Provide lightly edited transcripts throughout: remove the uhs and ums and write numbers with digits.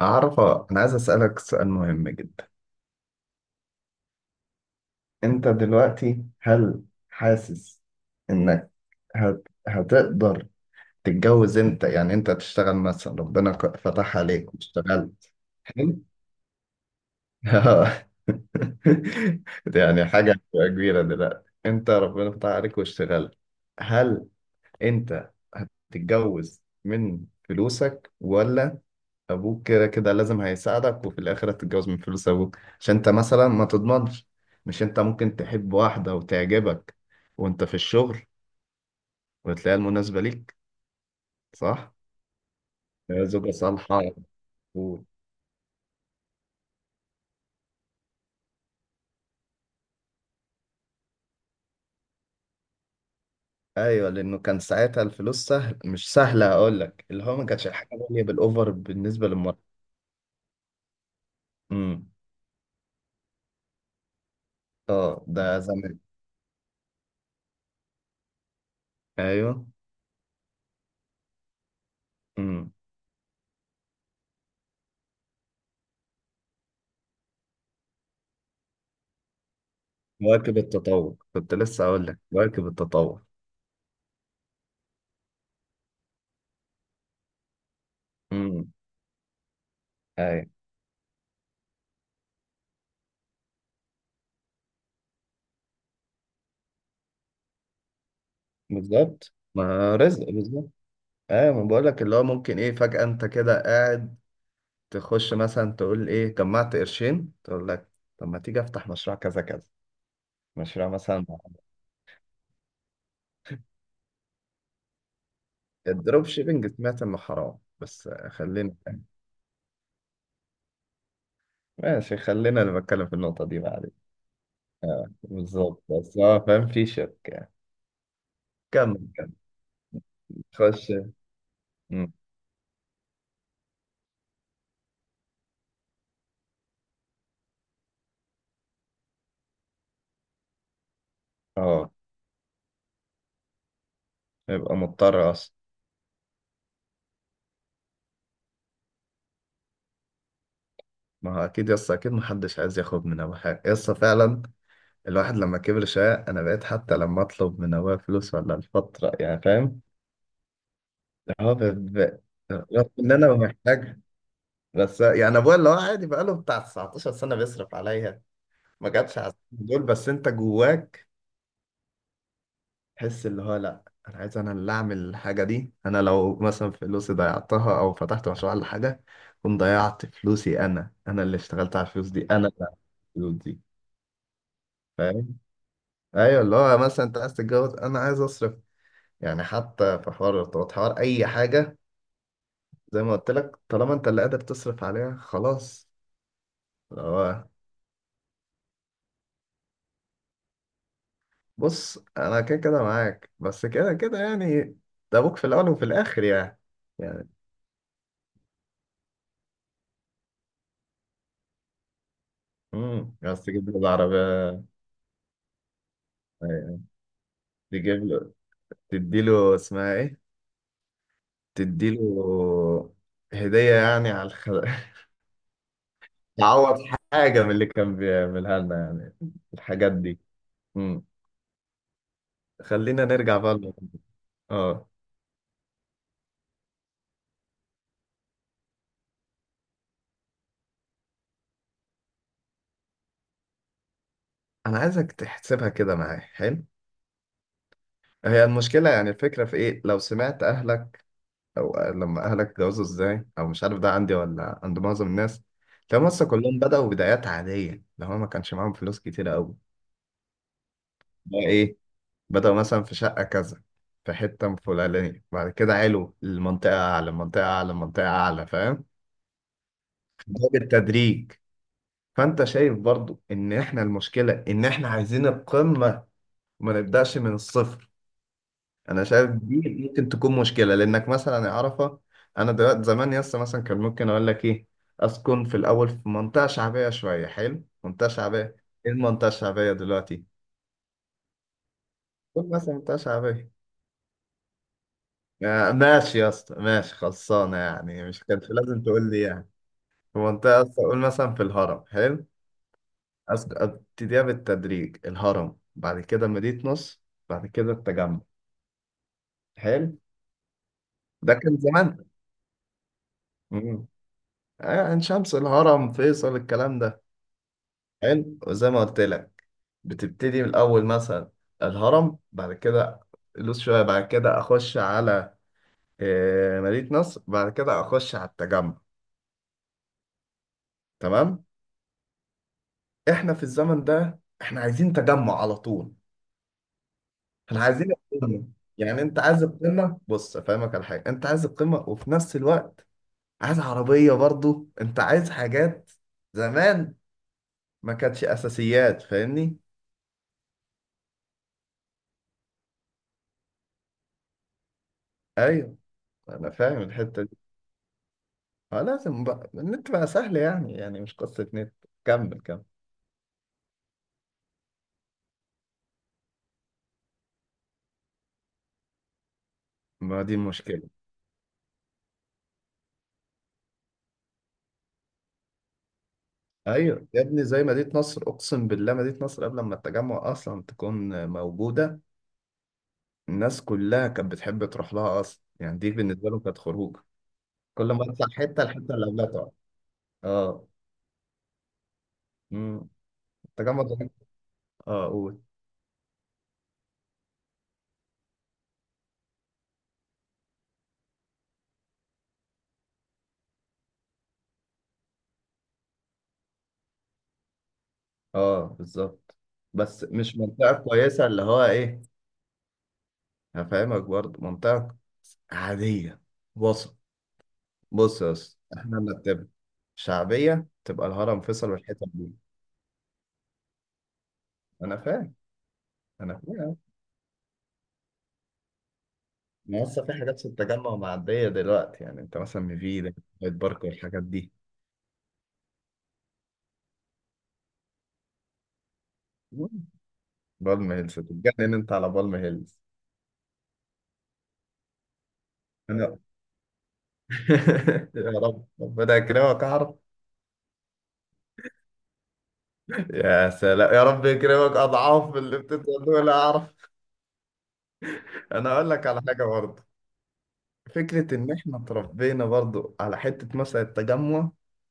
عرفة، أنا عايز أسألك سؤال مهم جدا. أنت دلوقتي هل حاسس إنك هتقدر تتجوز؟ أنت يعني أنت تشتغل مثلا ربنا فتح عليك واشتغلت. حلو. آه. دي يعني حاجة هتبقى كبيرة دلوقتي، أنت ربنا فتح عليك واشتغلت. هل أنت هتتجوز من فلوسك، ولا ابوك كده كده لازم هيساعدك وفي الاخر هتتجوز من فلوس ابوك عشان انت مثلا ما تضمنش؟ مش انت ممكن تحب واحدة وتعجبك وانت في الشغل وتلاقيها المناسبة ليك؟ صح؟ يا زوجة صالحة. و- ايوه، لانه كان ساعتها الفلوس سهل، مش سهلة اقول لك، اللي هو ما كانتش الحاجة غالية بالاوفر بالنسبة للمرأة. امم اه، ده زمان. ايوه. امم مواكب التطور، كنت لسه اقول لك مواكب التطور. امم ايوه، بالظبط، ما رزق بالظبط. اه، ما بقولك اللي هو ممكن ايه، فجأة انت كده قاعد تخش مثلا تقول ايه، جمعت قرشين، تقول لك طب ما تيجي افتح مشروع كذا كذا، مشروع مثلا. الدروب شيبنج سمعت انه حرام، بس آه، خلينا. ماشي، خلينا، انا بتكلم في النقطة دي بعدين. اه بالظبط، بس اه فاهم، في شك يعني. كمل كمل. خش. مم. اه، يبقى مضطر اصلا. ما هو اكيد، يس اكيد محدش عايز ياخد من ابوه حاجه، يس فعلا. الواحد لما كبر شويه، انا بقيت حتى لما اطلب من ابويا فلوس ولا الفتره، يعني فاهم، اه رغم ان انا محتاجها، بس يعني ابويا اللي هو عادي بقاله بتاع 19 سنه بيصرف عليا. ما جاتش على السنين دول، بس انت جواك تحس اللي هو لا، انا عايز، انا اللي اعمل الحاجه دي. انا لو مثلا فلوسي ضيعتها او فتحت مشروع ولا حاجه، كنت ضيعت فلوسي، انا اللي اشتغلت على الفلوس دي، انا اللي عملت الفلوس دي، فاهم؟ ايوه، اللي هو مثلا انت عايز تتجوز، انا عايز اصرف يعني، حتى في حوار الارتباط، حوار اي حاجه، زي ما قلت لك، طالما انت اللي قادر تصرف عليها، خلاص. اللي هو بص، انا كده كده معاك، بس كده كده يعني، ده ابوك في الاول وفي الاخر يعني. يعني بس تجيب له العربيه. أيوة، تجيب له، تدي له اسمها ايه، تدي له هديه يعني على تعوض، حاجه من اللي كان بيعملها لنا يعني، الحاجات دي. امم خلينا نرجع بقى اه، انا عايزك تحسبها كده معايا. حلو، هي المشكله يعني، الفكره في ايه؟ لو سمعت اهلك، او لما اهلك اتجوزوا ازاي، او مش عارف ده عندي ولا عند معظم الناس، تلاقي مصر كلهم بدأوا بدايات عادية. لو هو ما كانش معاهم فلوس كتيرة قوي، بقى ايه، بدأوا مثلا في شقة كذا، في حتة فلانية، بعد كده علو المنطقة، أعلى منطقة أعلى منطقة أعلى، فاهم؟ ده بالتدريج. فأنت شايف برضو إن إحنا المشكلة إن إحنا عايزين القمة وما نبدأش من الصفر. انا شايف دي ممكن تكون مشكله لانك مثلا، يا عرفه، انا دلوقتي زمان، يس مثلا، كان ممكن اقول لك ايه، اسكن في الاول في منطقه شعبيه شويه. حلو، منطقه شعبيه. ايه المنطقه الشعبيه دلوقتي؟ قول مثلا منطقه شعبيه. آه، ماشي يا اسطى، ماشي خلصانه، يعني مش كانش لازم تقول لي يعني. في منطقه أصلاً، قول مثلا في الهرم. حلو، ابتديها بالتدريج، الهرم، بعد كده مدينه نصر، بعد كده التجمع. حلو، ده كان زمان. مم. آه، عين شمس، الهرم، فيصل، الكلام ده. حلو، وزي ما قلت لك، بتبتدي من الاول مثلا الهرم، بعد كده لوس شويه، بعد كده اخش على، آه، مدينه نصر، بعد كده اخش على التجمع. تمام. احنا في الزمن ده احنا عايزين تجمع على طول. احنا عايزين القمه، يعني انت عايز القمه. بص افهمك على حاجه، انت عايز القمه، وفي نفس الوقت عايز عربيه برضو، انت عايز حاجات زمان ما كانتش اساسيات، فاهمني؟ ايوه، انا فاهم الحته. اه، لازم بقى النت، بقى سهل يعني، يعني مش قصة نت. كمل كمل. ما دي المشكلة. ايوه يا ابني، زي مدينة نصر، اقسم بالله مدينة نصر قبل ما التجمع اصلا تكون موجودة، الناس كلها كانت بتحب تروح لها اصلا، يعني دي بالنسبة لهم كانت خروج. كل ما تطلع حتة، الحتة اللي قبلها تقعد. اه. امم التجمع ده، اه قول. اه بالظبط، بس مش منطقة كويسة، اللي هو ايه، هفهمك برضه، منطقة عادية، وسط. بص يا اسطى، احنا نرتبها، شعبية تبقى الهرم، فيصل والحتت دي. أنا فاهم. أنا فاهم. ما لسه في حاجات في التجمع معدية دلوقتي يعني، أنت مثلا مفيدة، هايد بارك والحاجات دي. بالم هيلز، تتجنن أنت على بالم هيلز. أنا يا رب ربنا يكرمك، أعرف. يا سلام، يا رب يكرمك أضعاف اللي بتتقال دول، أعرف. أنا أقول لك على حاجة برضه، فكرة إن إحنا اتربينا برضو على حتة مثلا التجمع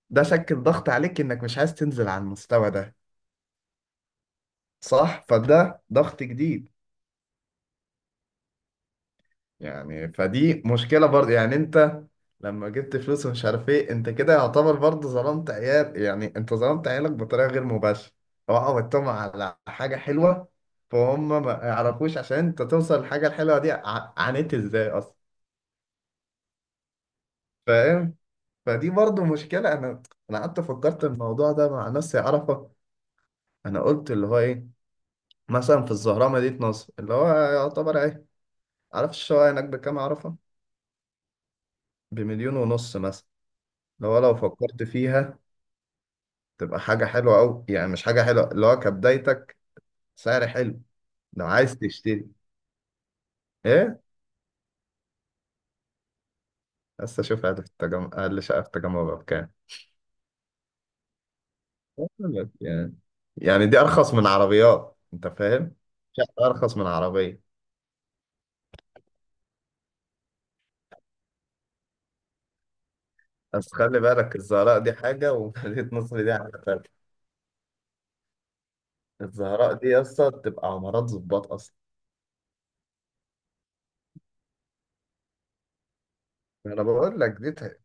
ده، شكل ضغط عليك إنك مش عايز تنزل على المستوى ده. صح؟ فده ضغط جديد. يعني فدي مشكلة برضو يعني. أنت لما جبت فلوس ومش عارف إيه، أنت كده يعتبر برضو ظلمت عيال، يعني أنت ظلمت عيالك بطريقة غير مباشرة. هو عودتهم على حاجة حلوة، فهم ما يعرفوش عشان أنت توصل للحاجة الحلوة دي عانيت إزاي أصلا، فاهم؟ فدي برضو مشكلة. أنا، أنا قعدت فكرت الموضوع ده مع ناس، يعرفة انا قلت اللي هو ايه، مثلا في الزهراء، مدينة نصر، اللي هو يعتبر ايه، عارف الشقة هناك بكام؟ عارفة، بمليون ونص مثلا. اللي هو لو فكرت فيها، تبقى حاجة حلوة أوي يعني، مش حاجة حلوة، اللي هو كبدايتك سعر حلو لو عايز تشتري. ايه؟ بس اشوف اقل في التجمع، اقل شقة في التجمع بقى بكام أقول لك يعني، يعني دي ارخص من عربيات، انت فاهم؟ شقة ارخص من عربية. بس خلي بالك، الزهراء دي حاجة ومدينة نصر دي حاجة تانية. الزهراء دي يا اسطى بتبقى عمارات ظباط اصلا. انا بقول لك دي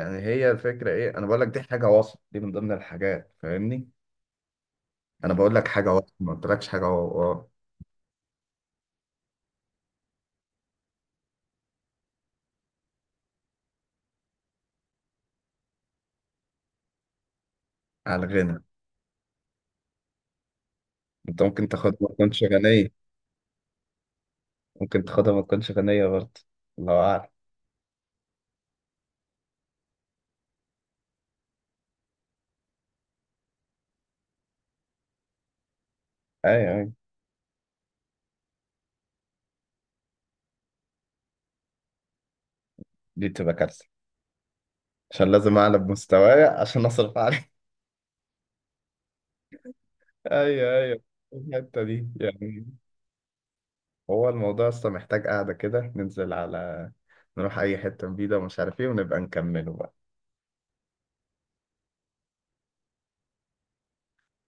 يعني هي الفكره ايه، انا بقول لك دي حاجه وسط، دي من ضمن الحاجات، فاهمني؟ انا بقول لك حاجه وسط، ما قلتلكش حاجه على الغنى. انت ممكن تاخدها ما تكونش غنيه. ممكن تاخدها ما تكونش غنيه برضه. الله اعلم. ايوه ايوه، دي بتبقى كارثه عشان لازم اعلى بمستواي عشان اصرف عليه. ايوه ايوه، الحته دي يعني. هو الموضوع اصلا محتاج قاعده كده ننزل على، نروح اي حته جديده ومش عارف ايه، ونبقى نكمله بقى.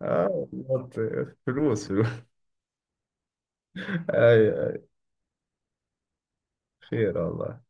اه والله، فلوس فلوس. ايوه، خير والله.